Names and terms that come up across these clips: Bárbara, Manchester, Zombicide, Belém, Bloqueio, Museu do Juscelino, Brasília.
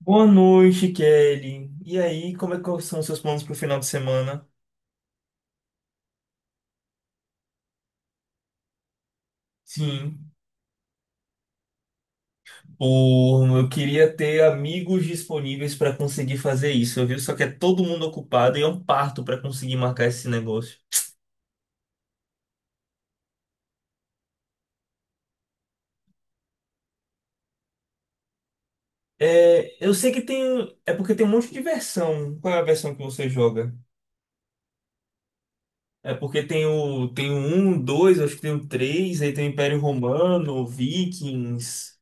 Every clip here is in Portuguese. Boa noite, Kelly. E aí, como é que são os seus planos para o final de semana? Sim. Pô, eu queria ter amigos disponíveis para conseguir fazer isso, viu? Só que é todo mundo ocupado e é um parto para conseguir marcar esse negócio. É, eu sei que tem. É porque tem um monte de versão. Qual é a versão que você joga? É porque tem o 1, 2, acho que tem o 3, aí tem o Império Romano, Vikings.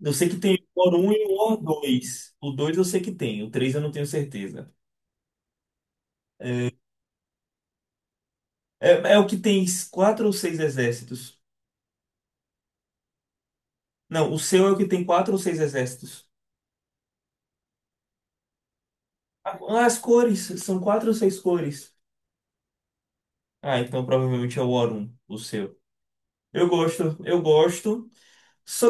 Eu sei que tem o War Um e o War 2. O 2 eu sei que tem, o 3 eu não tenho certeza. É o que tem quatro ou seis exércitos. Não, o seu é o que tem quatro ou seis exércitos. Ah, as cores, são quatro ou seis cores. Ah, então provavelmente é o Aurum, o seu. Eu gosto, eu gosto. Só,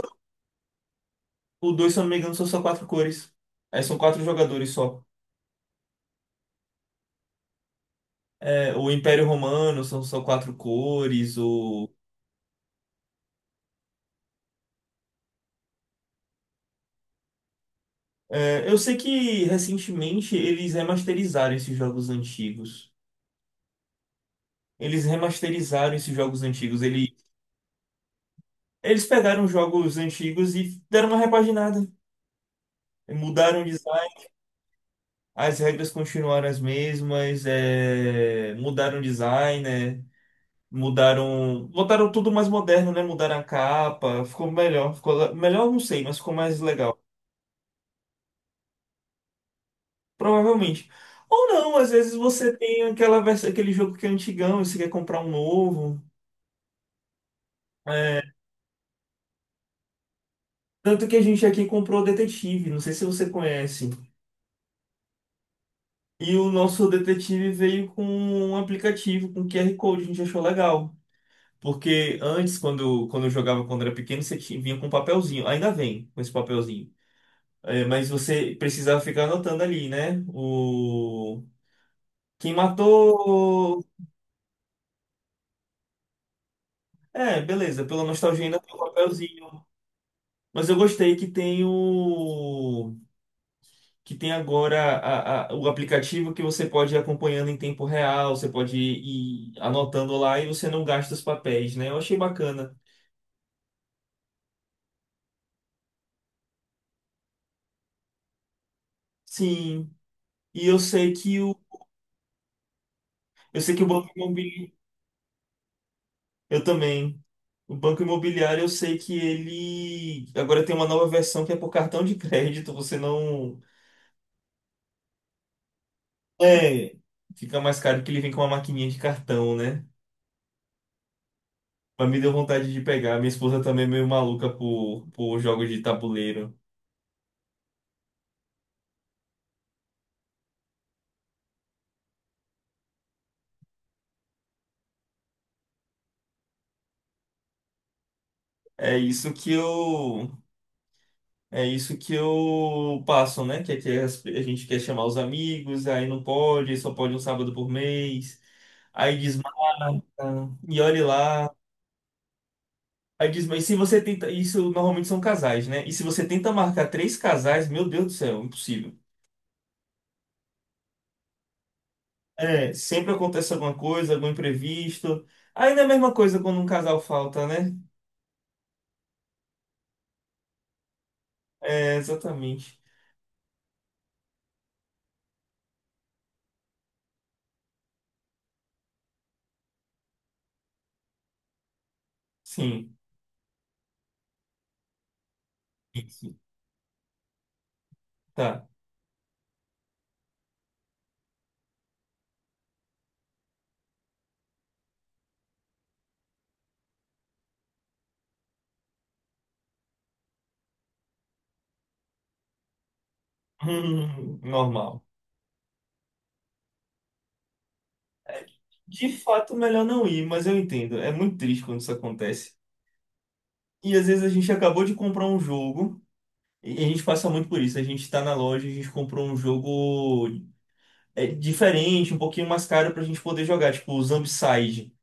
o dois, se eu não me engano, são só quatro cores. É, são quatro jogadores só. É, o Império Romano são só quatro cores. Eu sei que recentemente eles remasterizaram esses jogos antigos. Eles remasterizaram esses jogos antigos. Eles pegaram jogos antigos e deram uma repaginada. Mudaram o design, as regras continuaram as mesmas, é, mudaram o design, né? Mudaram. Botaram tudo mais moderno, né? Mudaram a capa, ficou melhor. Ficou melhor, eu não sei, mas ficou mais legal. Provavelmente. Ou não, às vezes você tem aquela versão, aquele jogo que é antigão e você quer comprar um novo. Tanto que a gente aqui comprou o Detetive, não sei se você conhece. E o nosso detetive veio com um aplicativo com QR Code, a gente achou legal. Porque antes, quando eu jogava quando era pequeno, você tinha, vinha com um papelzinho. Ainda vem com esse papelzinho. É, mas você precisava ficar anotando ali, né? Quem matou. É, beleza, pela nostalgia ainda tem o papelzinho. Mas eu gostei que tem o. que tem agora o aplicativo que você pode ir acompanhando em tempo real, você pode ir anotando lá e você não gasta os papéis, né? Eu achei bacana. Sim. E eu sei que o eu sei que o Banco Imobiliário, eu também. O Banco Imobiliário, eu sei que ele agora tem uma nova versão que é por cartão de crédito, você não. É, fica mais caro que ele vem com uma maquininha de cartão, né? Mas me deu vontade de pegar. Minha esposa também é meio maluca por jogos de tabuleiro. É isso que eu É isso que eu passo, né? Que é a gente quer chamar os amigos, aí não pode, só pode um sábado por mês. Aí desmarca, e olhe lá. Aí diz, mas se você tenta. Isso normalmente são casais, né? E se você tenta marcar três casais, meu Deus do céu, impossível. É, sempre acontece alguma coisa, algum imprevisto. Ainda é a mesma coisa quando um casal falta, né? É, exatamente. Sim. Isso. Tá. Normal. De fato, melhor não ir, mas eu entendo. É muito triste quando isso acontece. E às vezes a gente acabou de comprar um jogo, e a gente passa muito por isso. A gente tá na loja, a gente comprou um jogo, é, diferente, um pouquinho mais caro pra gente poder jogar, tipo o Zombicide.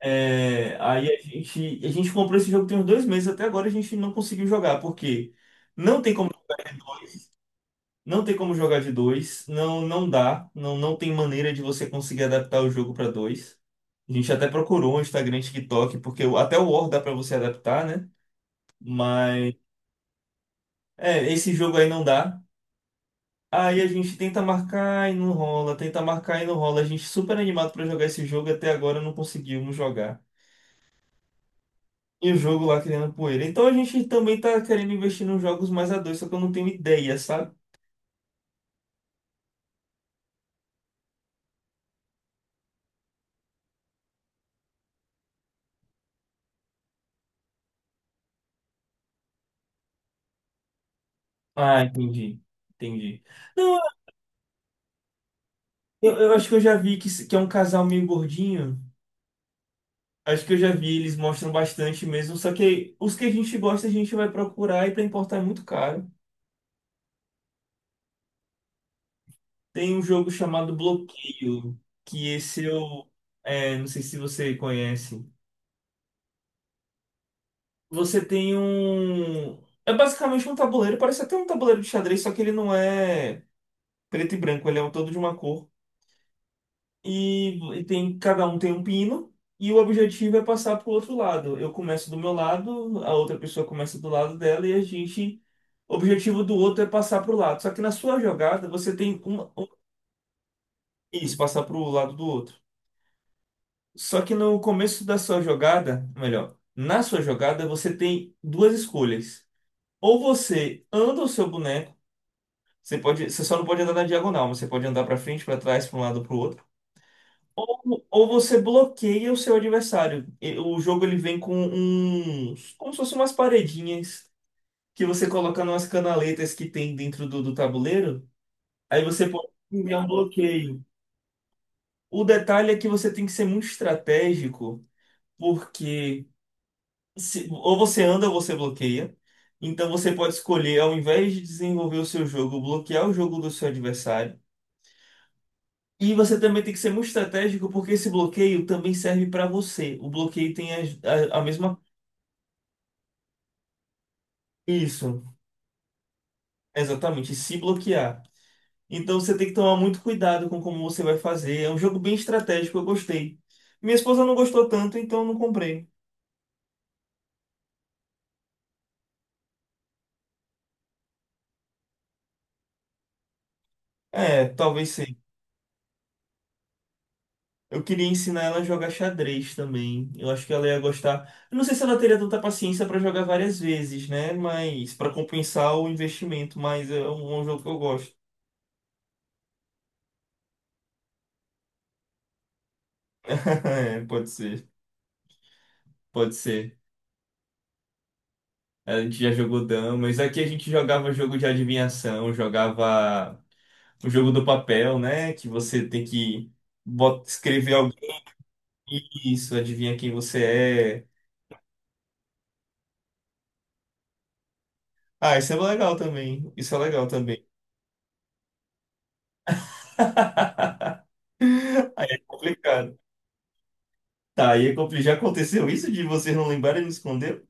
É, aí a gente comprou esse jogo tem uns dois meses, até agora a gente não conseguiu jogar, porque não tem como jogar. Não tem como jogar de dois, não não dá, não não tem maneira de você conseguir adaptar o jogo para dois. A gente até procurou um Instagram, TikTok, porque até o War dá para você adaptar, né? Mas é, esse jogo aí não dá. Aí a gente tenta marcar e não rola, tenta marcar e não rola. A gente super animado para jogar esse jogo, até agora não conseguimos jogar. E o jogo lá criando poeira. Então a gente também tá querendo investir nos jogos mais a dois, só que eu não tenho ideia, sabe? Ah, entendi. Entendi. Não. Eu acho que eu já vi que, se- que é um casal meio gordinho. Acho que eu já vi, eles mostram bastante mesmo. Só que os que a gente gosta, a gente vai procurar e pra importar é muito caro. Tem um jogo chamado Bloqueio, que esse eu. É, não sei se você conhece. Você tem um. É basicamente um tabuleiro, parece até um tabuleiro de xadrez, só que ele não é preto e branco, ele é um todo de uma cor. E tem, cada um tem um pino, e o objetivo é passar para o outro lado. Eu começo do meu lado, a outra pessoa começa do lado dela, e a gente. O objetivo do outro é passar para o lado. Só que na sua jogada, você tem uma, um-. Isso, passar para o lado do outro. Só que no começo da sua jogada, melhor, na sua jogada, você tem duas escolhas. Ou você anda o seu boneco, você pode, você só não pode andar na diagonal, mas você pode andar para frente, para trás, para um lado, para o outro. Ou você bloqueia o seu adversário. O jogo ele vem com uns, como se fossem umas paredinhas que você coloca nas canaletas que tem dentro do tabuleiro. Aí você pode enviar um bloqueio. O detalhe é que você tem que ser muito estratégico, porque ou você anda ou você bloqueia. Então você pode escolher, ao invés de desenvolver o seu jogo, bloquear o jogo do seu adversário. E você também tem que ser muito estratégico, porque esse bloqueio também serve para você. O bloqueio tem a mesma. Isso, exatamente, se bloquear. Então você tem que tomar muito cuidado com como você vai fazer. É um jogo bem estratégico, eu gostei. Minha esposa não gostou tanto, então eu não comprei. É, talvez sim. Eu queria ensinar ela a jogar xadrez também. Eu acho que ela ia gostar. Eu não sei se ela teria tanta paciência para jogar várias vezes, né? Mas para compensar o investimento, mas é um jogo que eu gosto. É, pode ser, pode ser. A gente já jogou damas. Aqui a gente jogava jogo de adivinhação, jogava. O jogo do papel, né? Que você tem que escrever alguém, isso, adivinha quem você é. Ah, isso é legal também. Isso é legal também. Aí é complicado. Tá, já aconteceu isso de vocês não lembrarem e me esconder?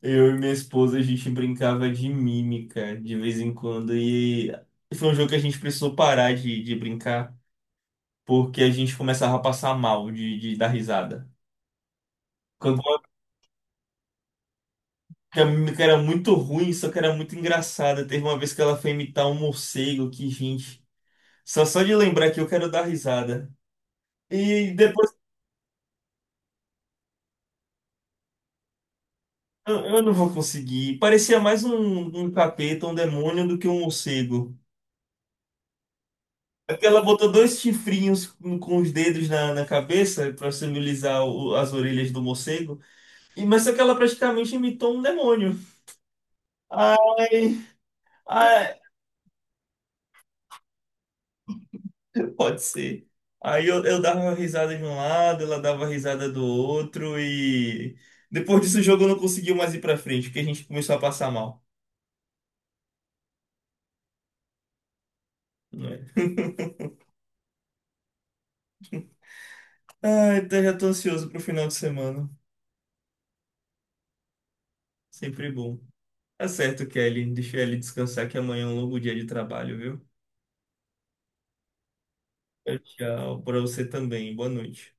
Eu e minha esposa, a gente brincava de mímica de vez em quando. E foi um jogo que a gente precisou parar de brincar, porque a gente começava a passar mal de dar risada. Quando que era muito ruim, só que era muito engraçada. Teve uma vez que ela foi imitar um morcego, que gente. Só de lembrar que eu quero dar risada. E depois eu não vou conseguir. Parecia mais um capeta, um demônio, do que um morcego. É, porque ela botou dois chifrinhos com os dedos na cabeça para simbolizar as orelhas do morcego. E, mas só que ela praticamente imitou um demônio. Ai, ai. Pode ser. Aí eu dava uma risada de um lado, ela dava risada do outro e depois disso o jogo não conseguiu mais ir pra frente, porque a gente começou a passar mal. Não é? Ah, então já tô ansioso pro final de semana. Sempre bom. Tá certo, Kelly. Deixa ele descansar que amanhã é um longo dia de trabalho, viu? Tchau, tchau. Pra você também. Boa noite.